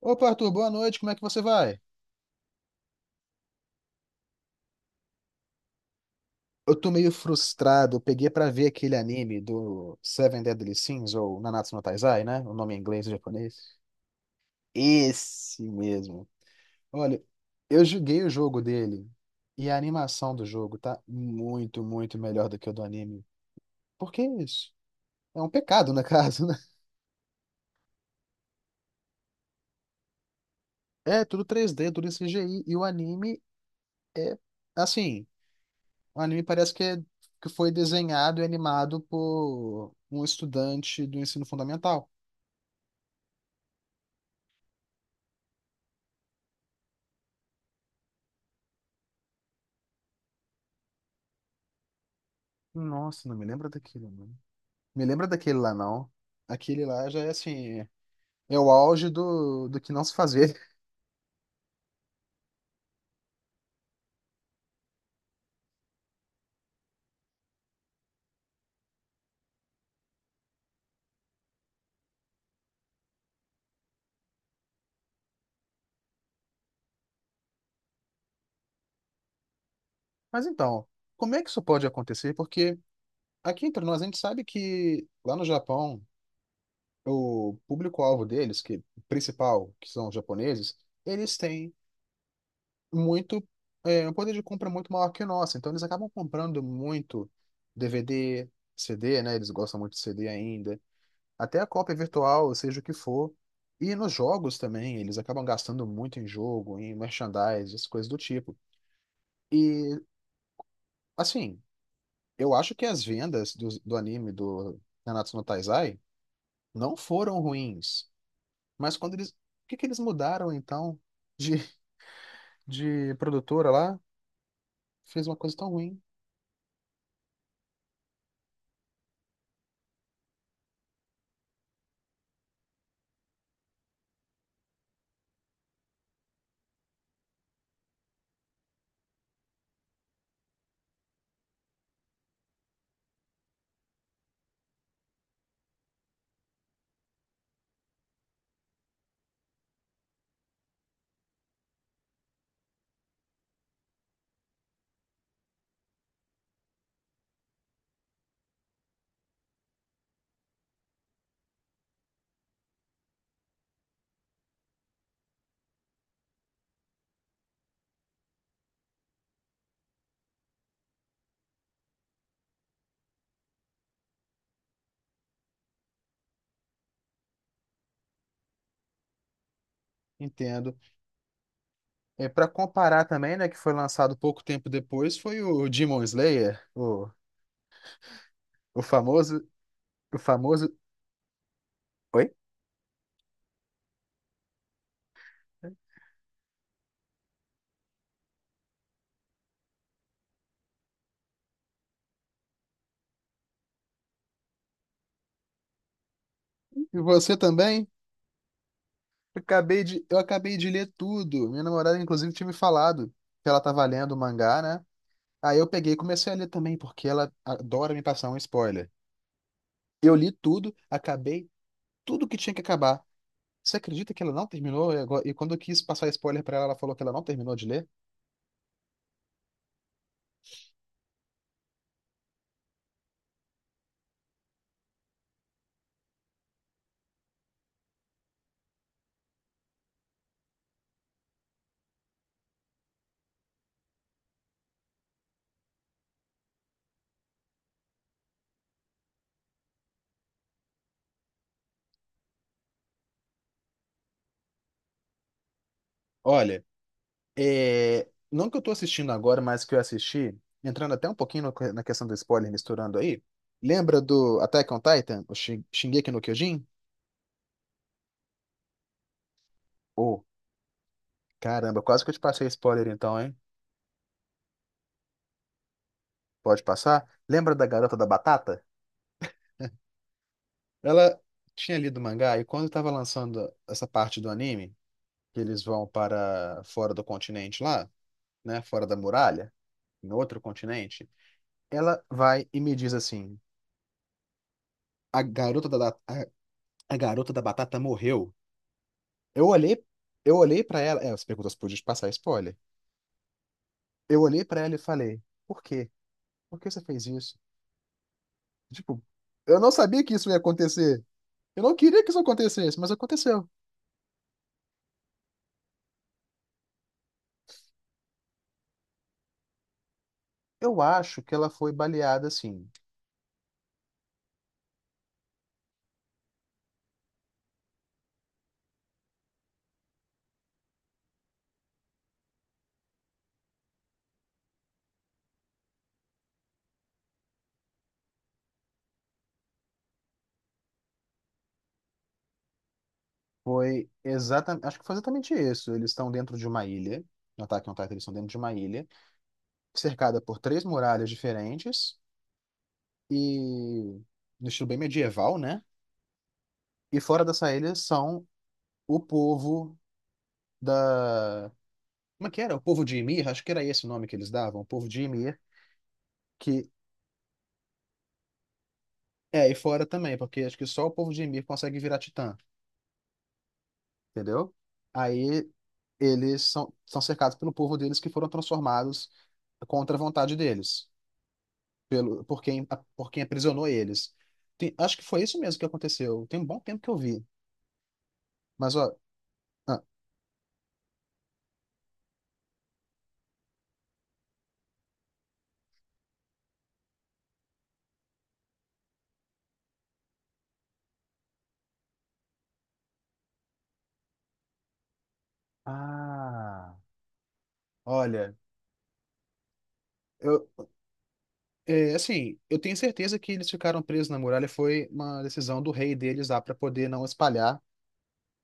Opa, Arthur, boa noite, como é que você vai? Eu tô meio frustrado, eu peguei pra ver aquele anime do Seven Deadly Sins, ou Nanatsu no Taizai, né? O nome em inglês e japonês. Esse mesmo. Olha, eu joguei o jogo dele, e a animação do jogo tá muito melhor do que o do anime. Por que isso? É um pecado, na casa? né? É, tudo três d tudo CGI, e o anime é, assim, o anime parece que que foi desenhado e animado por um estudante do ensino fundamental. Nossa, não me lembra daquele, não. Me lembra daquele lá, não. Aquele lá já é assim, é o auge do que não se fazer. Mas então, como é que isso pode acontecer? Porque aqui entre nós a gente sabe que lá no Japão, o público-alvo deles, que principal, que são os japoneses, eles têm muito, um poder de compra muito maior que o nosso. Então eles acabam comprando muito DVD, CD, né? Eles gostam muito de CD ainda. Até a cópia virtual, seja o que for. E nos jogos também, eles acabam gastando muito em jogo, em merchandise, essas coisas do tipo. E, assim, eu acho que as vendas do anime do Nanatsu no Taizai não foram ruins. Mas quando eles. O que que eles mudaram então de, de produtora lá? Fez uma coisa tão ruim. Entendo. É, para comparar também, né, que foi lançado pouco tempo depois, foi o Demon Slayer, o famoso, o famoso. Oi? E você também? Eu acabei de ler tudo. Minha namorada, inclusive, tinha me falado que ela tava lendo o mangá, né? Aí eu peguei e comecei a ler também, porque ela adora me passar um spoiler. Eu li tudo, acabei tudo que tinha que acabar. Você acredita que ela não terminou? E agora- e quando eu quis passar spoiler pra ela, ela falou que ela não terminou de ler? Olha. É, não que eu tô assistindo agora, mas que eu assisti, entrando até um pouquinho no- na questão do spoiler, misturando aí. Lembra do Attack on Titan? O Shingeki no Kyojin? Oh, caramba, quase que eu te passei spoiler então, hein? Pode passar? Lembra da garota da batata? Ela tinha lido o mangá e quando estava lançando essa parte do anime, que eles vão para fora do continente lá, né? Fora da muralha, em outro continente, ela vai e me diz assim: a garota da, a a garota da batata morreu. Eu olhei, eu olhei para ela. É, você perguntou se podia te passar spoiler. Eu olhei pra ela e falei: por quê? Por que você fez isso? Tipo, eu não sabia que isso ia acontecer. Eu não queria que isso acontecesse, mas aconteceu. Eu acho que ela foi baleada assim. Foi exatamente. Acho que foi exatamente isso. Eles estão dentro de uma ilha. No Attack on Titan, eles estão dentro de uma ilha, cercada por três muralhas diferentes e. no estilo bem medieval, né? E fora dessa ilha são o povo da como é que era? O povo de Ymir? Acho que era esse o nome que eles davam, o povo de Ymir, que é, e fora também, porque acho que só o povo de Ymir consegue virar titã, entendeu? Aí eles são cercados pelo povo deles que foram transformados contra a vontade deles, pelo, por quem, por quem aprisionou eles. Acho que foi isso mesmo que aconteceu. Tem um bom tempo que eu vi. Mas, ó. Ah, ah, olha, eu. É, assim, eu tenho certeza que eles ficaram presos na muralha foi uma decisão do rei deles lá para poder não espalhar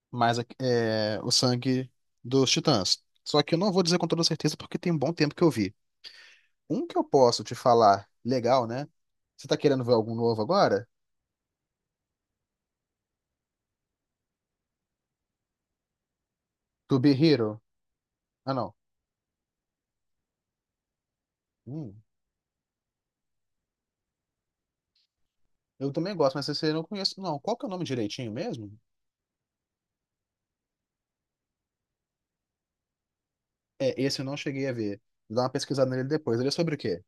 mas é, o sangue dos Titãs. Só que eu não vou dizer com toda certeza porque tem um bom tempo que eu vi. Um que eu posso te falar legal, né? Você tá querendo ver algum novo agora? To Be Hero. Ah, não. Hum, eu também gosto, mas esse eu não conheço. Não, qual que é o nome direitinho mesmo? É, esse eu não cheguei a ver. Vou dar uma pesquisada nele depois. Ele é sobre o quê?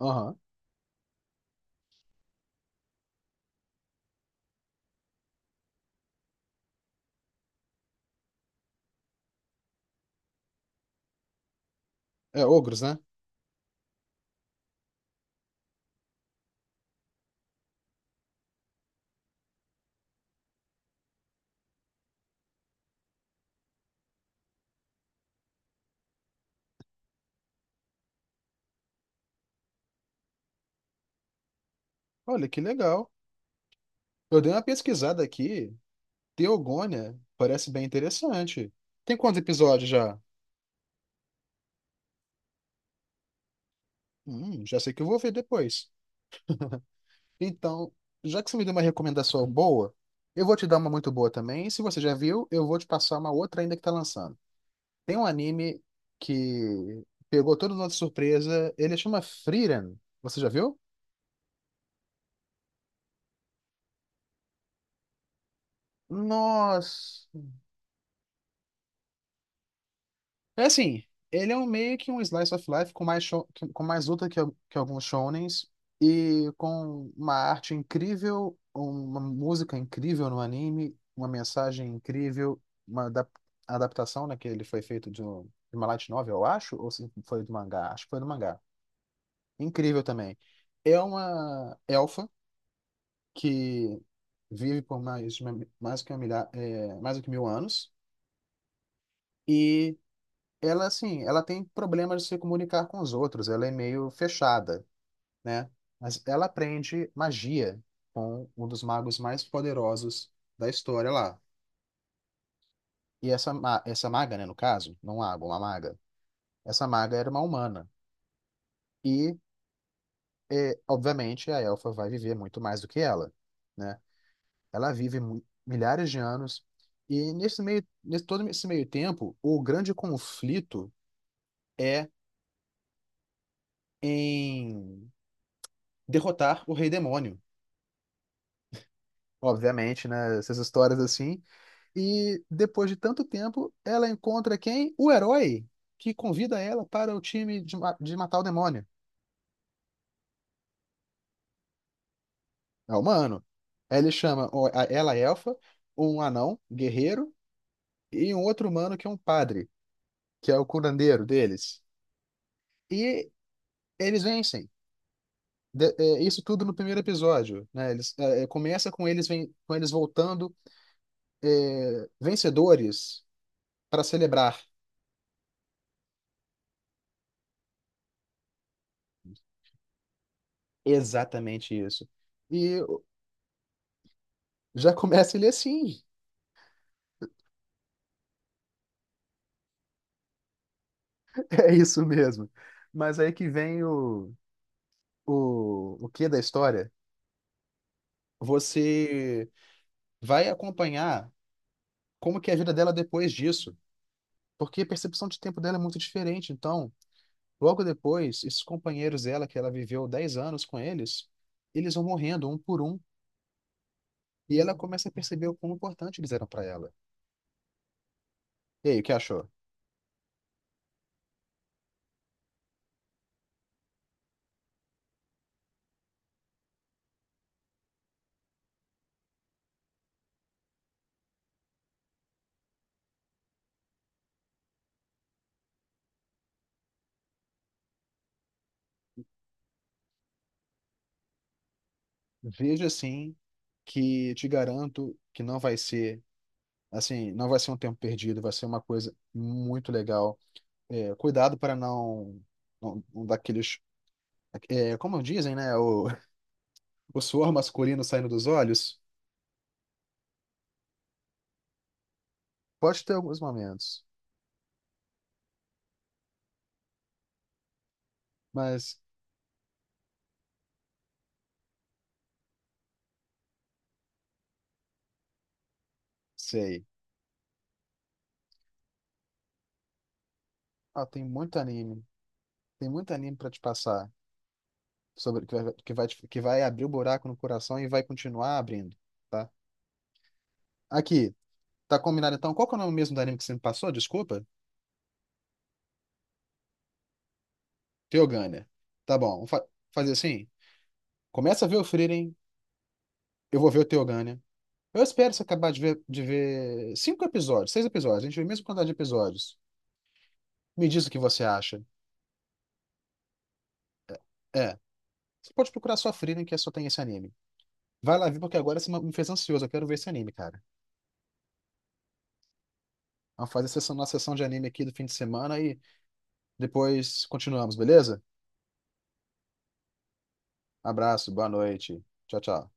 Aham. É ogros, né? Olha, que legal. Eu dei uma pesquisada aqui. Teogônia parece bem interessante. Tem quantos episódios já? Já sei que eu vou ver depois. Então, já que você me deu uma recomendação boa, eu vou te dar uma muito boa também. Se você já viu, eu vou te passar uma outra ainda que tá lançando. Tem um anime que pegou todo mundo de surpresa. Ele chama Frieren. Você já viu? Nossa! É assim, ele é um meio que um slice of life com mais luta que alguns shonens e com uma arte incrível, uma música incrível no anime, uma mensagem incrível, uma adaptação, né, que ele foi feito de uma light novel, eu acho, ou se foi do mangá, acho que foi do mangá. Incrível também. É uma elfa que vive por mais, de uma- mais que uma milha- é, mais do que mil anos. E ela assim, ela tem problemas de se comunicar com os outros, ela é meio fechada, né? Mas ela aprende magia com um dos magos mais poderosos da história lá. E essa maga, né, no caso, não um mago, uma maga. Essa maga era uma humana e obviamente a elfa vai viver muito mais do que ela, né? Ela vive milhares de anos e nesse meio, nesse todo esse meio tempo, o grande conflito é em derrotar o rei demônio obviamente, né? Essas histórias assim. E depois de tanto tempo, ela encontra quem? O herói que convida ela para o time de matar o demônio. É o humano. Aí ele chama ela é elfa, um anão, guerreiro, e um outro humano que é um padre, que é o curandeiro deles. E eles vencem. Isso tudo no primeiro episódio, né? Começa com eles, com eles voltando vencedores para celebrar. Exatamente isso. E já começa ele assim. É isso mesmo. Mas aí que vem o quê da história? Você vai acompanhar como que é a vida dela depois disso. Porque a percepção de tempo dela é muito diferente. Então, logo depois, esses companheiros dela, que ela viveu 10 anos com eles, eles vão morrendo um por um. E ela começa a perceber o quão importante eles eram para ela. E aí, o que achou? Veja assim que te garanto que não vai ser assim, não vai ser um tempo perdido, vai ser uma coisa muito legal. É, cuidado para não dar aqueles. É, como dizem, né? O, o suor masculino saindo dos olhos. Pode ter alguns momentos, mas sei. Ah, tem muito anime. Tem muito anime para te passar. Sobre, que vai, que vai abrir o buraco no coração e vai continuar abrindo, tá? Aqui, tá combinado então? Qual que é o nome mesmo do anime que você me passou? Desculpa? Teogânia. Tá bom, vamos fazer assim. Começa a ver o Frieren, eu vou ver o Teogânia. Eu espero você acabar de ver cinco episódios, seis episódios. A gente vê a mesma quantidade de episódios. Me diz o que você acha. É. Você pode procurar sua Freedom, que é só tem esse anime. Vai lá ver, porque agora você me fez ansioso. Eu quero ver esse anime, cara. Vamos fazer a sessão, nossa sessão de anime aqui do fim de semana e depois continuamos, beleza? Abraço, boa noite. Tchau, tchau.